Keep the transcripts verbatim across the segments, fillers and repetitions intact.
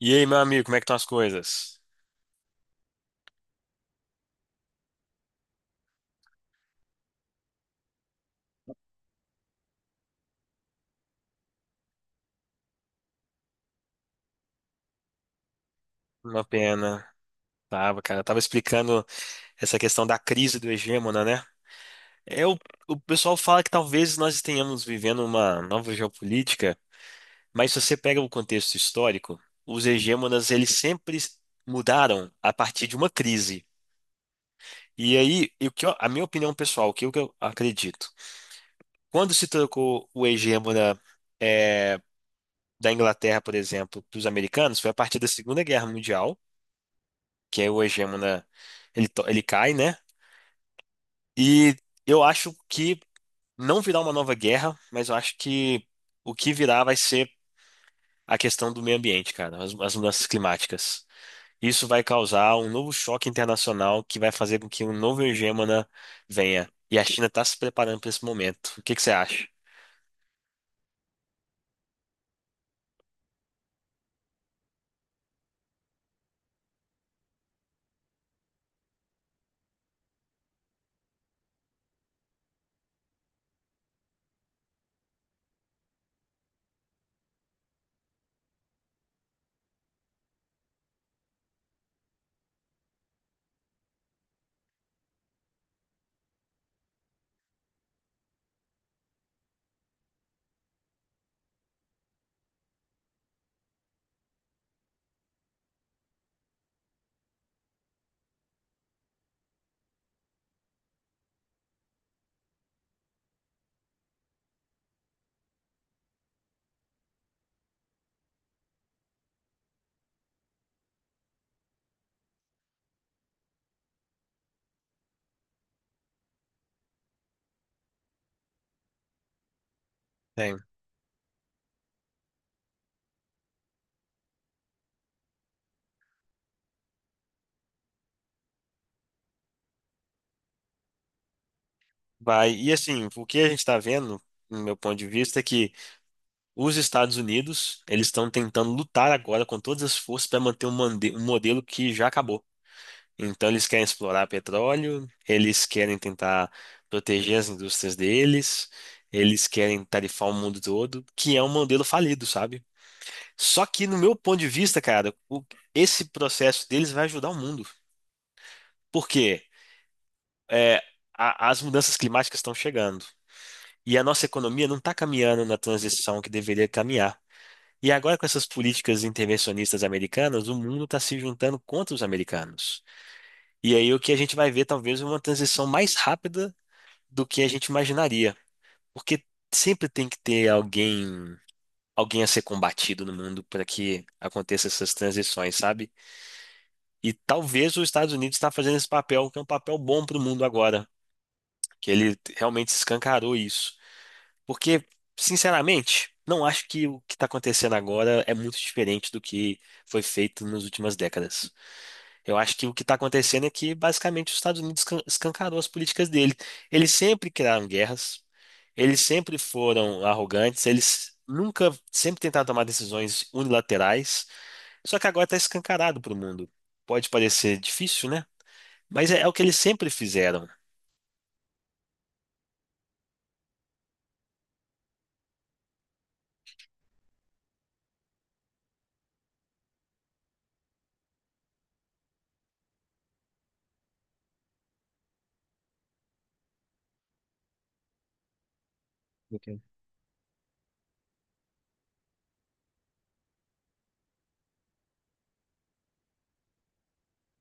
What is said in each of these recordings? E aí, meu amigo, como é que estão as coisas? Uma pena. Tava, cara, tava explicando essa questão da crise do hegemona, né? É, o, o pessoal fala que talvez nós estejamos vivendo uma nova geopolítica, mas se você pega o contexto histórico, os hegemonas eles sempre mudaram a partir de uma crise. E aí, e o que eu- a minha opinião pessoal, o que eu que eu acredito, quando se trocou o hegemona é, da Inglaterra, por exemplo, para os americanos, foi a partir da Segunda Guerra Mundial que é o hegemona, ele, to- ele cai, né? E eu acho que não virá uma nova guerra, mas eu acho que o que virá vai ser a questão do meio ambiente, cara, as, as mudanças climáticas. Isso vai causar um novo choque internacional que vai fazer com que um novo hegemona venha. E a China está se preparando para esse momento. O que que você acha? Tem. Vai. E assim, o que a gente está vendo, no meu ponto de vista, é que os Estados Unidos, eles estão tentando lutar agora com todas as forças para manter um, mande- um modelo que já acabou. Então, eles querem explorar petróleo, eles querem tentar proteger as indústrias deles, eles querem tarifar o mundo todo, que é um modelo falido, sabe? Só que, no meu ponto de vista, cara, o- esse processo deles vai ajudar o mundo. Por quê? É, a- as mudanças climáticas estão chegando. E a nossa economia não está caminhando na transição que deveria caminhar. E agora, com essas políticas intervencionistas americanas, o mundo está se juntando contra os americanos. E aí o que a gente vai ver talvez é uma transição mais rápida do que a gente imaginaria. Porque sempre tem que ter alguém, alguém a ser combatido no mundo para que aconteça essas transições, sabe? E talvez os Estados Unidos está fazendo esse papel, que é um papel bom para o mundo agora, que ele realmente escancarou isso. Porque, sinceramente, não acho que o que está acontecendo agora é muito diferente do que foi feito nas últimas décadas. Eu acho que o que está acontecendo é que, basicamente, os Estados Unidos escan- escancarou as políticas dele. Eles sempre criaram guerras, eles sempre foram arrogantes, eles nunca, sempre tentaram tomar decisões unilaterais, só que agora está escancarado para o mundo. Pode parecer difícil, né? Mas é, é o que eles sempre fizeram.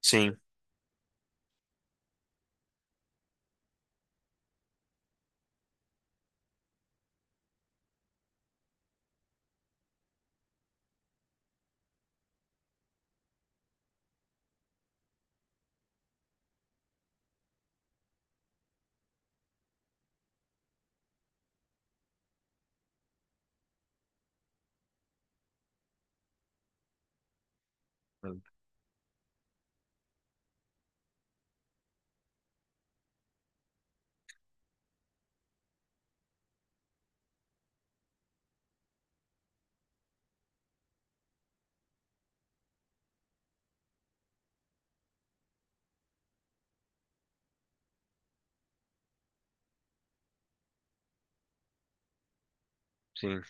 Sim, sim.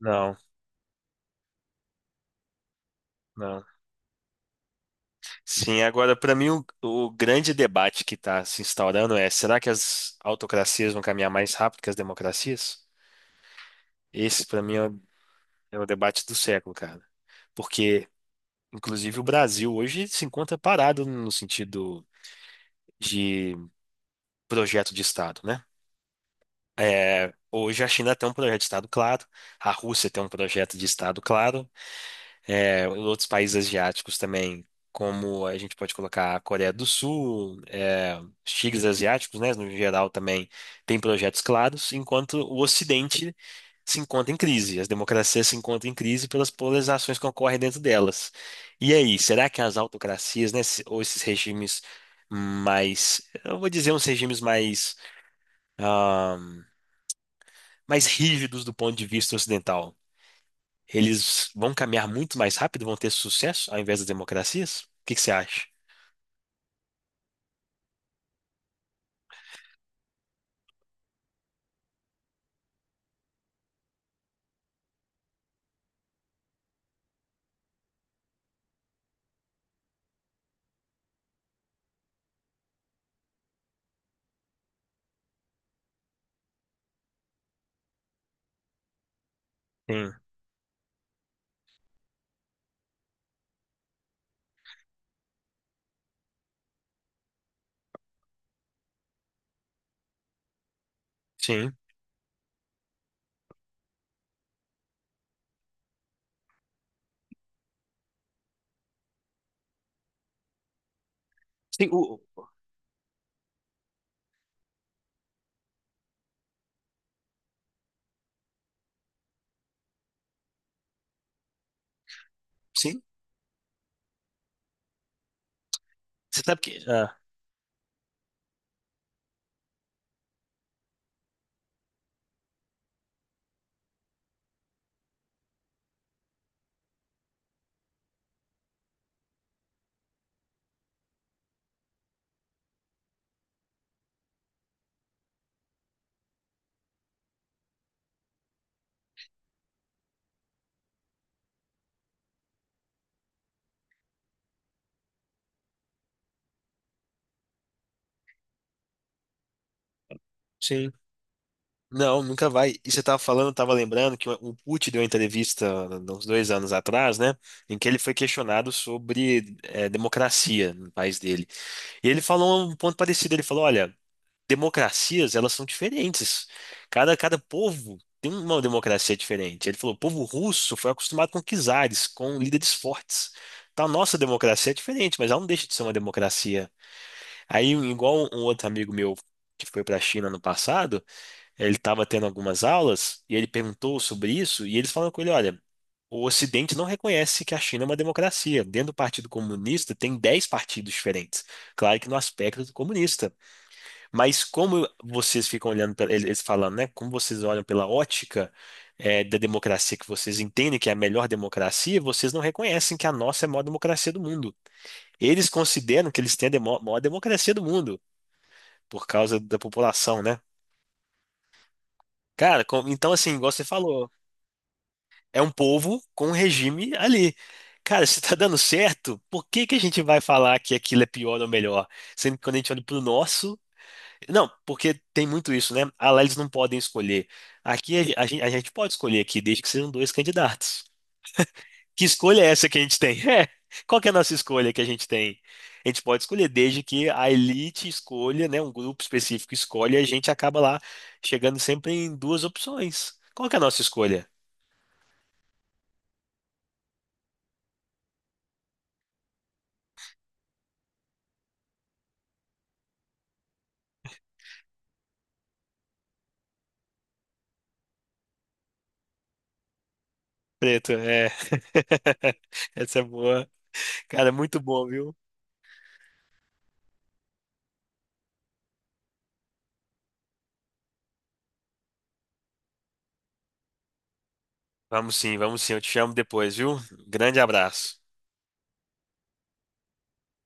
Não, não. Sim, agora para mim o, o grande debate que está se instaurando é: será que as autocracias vão caminhar mais rápido que as democracias? Esse para mim é o, é o debate do século, cara. Porque, inclusive, o Brasil hoje se encontra parado no sentido de projeto de Estado, né? É, Hoje a China tem um projeto de Estado claro, a Rússia tem um projeto de Estado claro, é, outros países asiáticos também, como a gente pode colocar a Coreia do Sul, é, os tigres asiáticos, né, no geral também tem projetos claros, enquanto o Ocidente se encontra em crise, as democracias se encontram em crise pelas polarizações que ocorrem dentro delas. E aí, será que as autocracias, né, se- ou esses regimes mais, eu vou dizer uns regimes mais, ah, mais rígidos do ponto de vista ocidental, eles vão caminhar muito mais rápido, vão ter sucesso ao invés das democracias? O que que você acha? Sim, sim. Sim, o- sim. Você sabe que. Ah, sim. Não, nunca vai. E você estava falando, estava lembrando que o Putin deu uma entrevista uns dois anos atrás, né? Em que ele foi questionado sobre eh, democracia no país dele. E ele falou um ponto parecido. Ele falou: olha, democracias, elas são diferentes. Cada, cada povo tem uma democracia diferente. Ele falou, o povo russo foi acostumado com czares, com líderes fortes. Então, a nossa democracia é diferente, mas ela não deixa de ser uma democracia. Aí, igual um outro amigo meu que foi para a China no passado, ele estava tendo algumas aulas e ele perguntou sobre isso e eles falaram com ele, olha, o Ocidente não reconhece que a China é uma democracia. Dentro do Partido Comunista tem dez partidos diferentes. Claro que no aspecto comunista. Mas como vocês ficam olhando, pela- eles eles falando, né? Como vocês olham pela ótica eh, da democracia que vocês entendem que é a melhor democracia, vocês não reconhecem que a nossa é a maior democracia do mundo. Eles consideram que eles têm a demo- maior democracia do mundo, por causa da população, né? Cara, com- então assim, igual você falou, é um povo com um regime ali. Cara, se tá dando certo, por que que a gente vai falar que aquilo é pior ou melhor? Sendo que quando a gente olha pro nosso. Não, porque tem muito isso, né? Ah, lá eles não podem escolher. Aqui a, gente, a gente pode escolher aqui, desde que sejam dois candidatos. Que escolha é essa que a gente tem? É. Qual que é a nossa escolha que a gente tem? A gente pode escolher, desde que a elite escolha, né? Um grupo específico escolhe, e a gente acaba lá chegando sempre em duas opções. Qual que é a nossa escolha? Preto, é. Essa é boa. Cara, muito bom, viu? Vamos sim, vamos sim. Eu te chamo depois, viu? Grande abraço.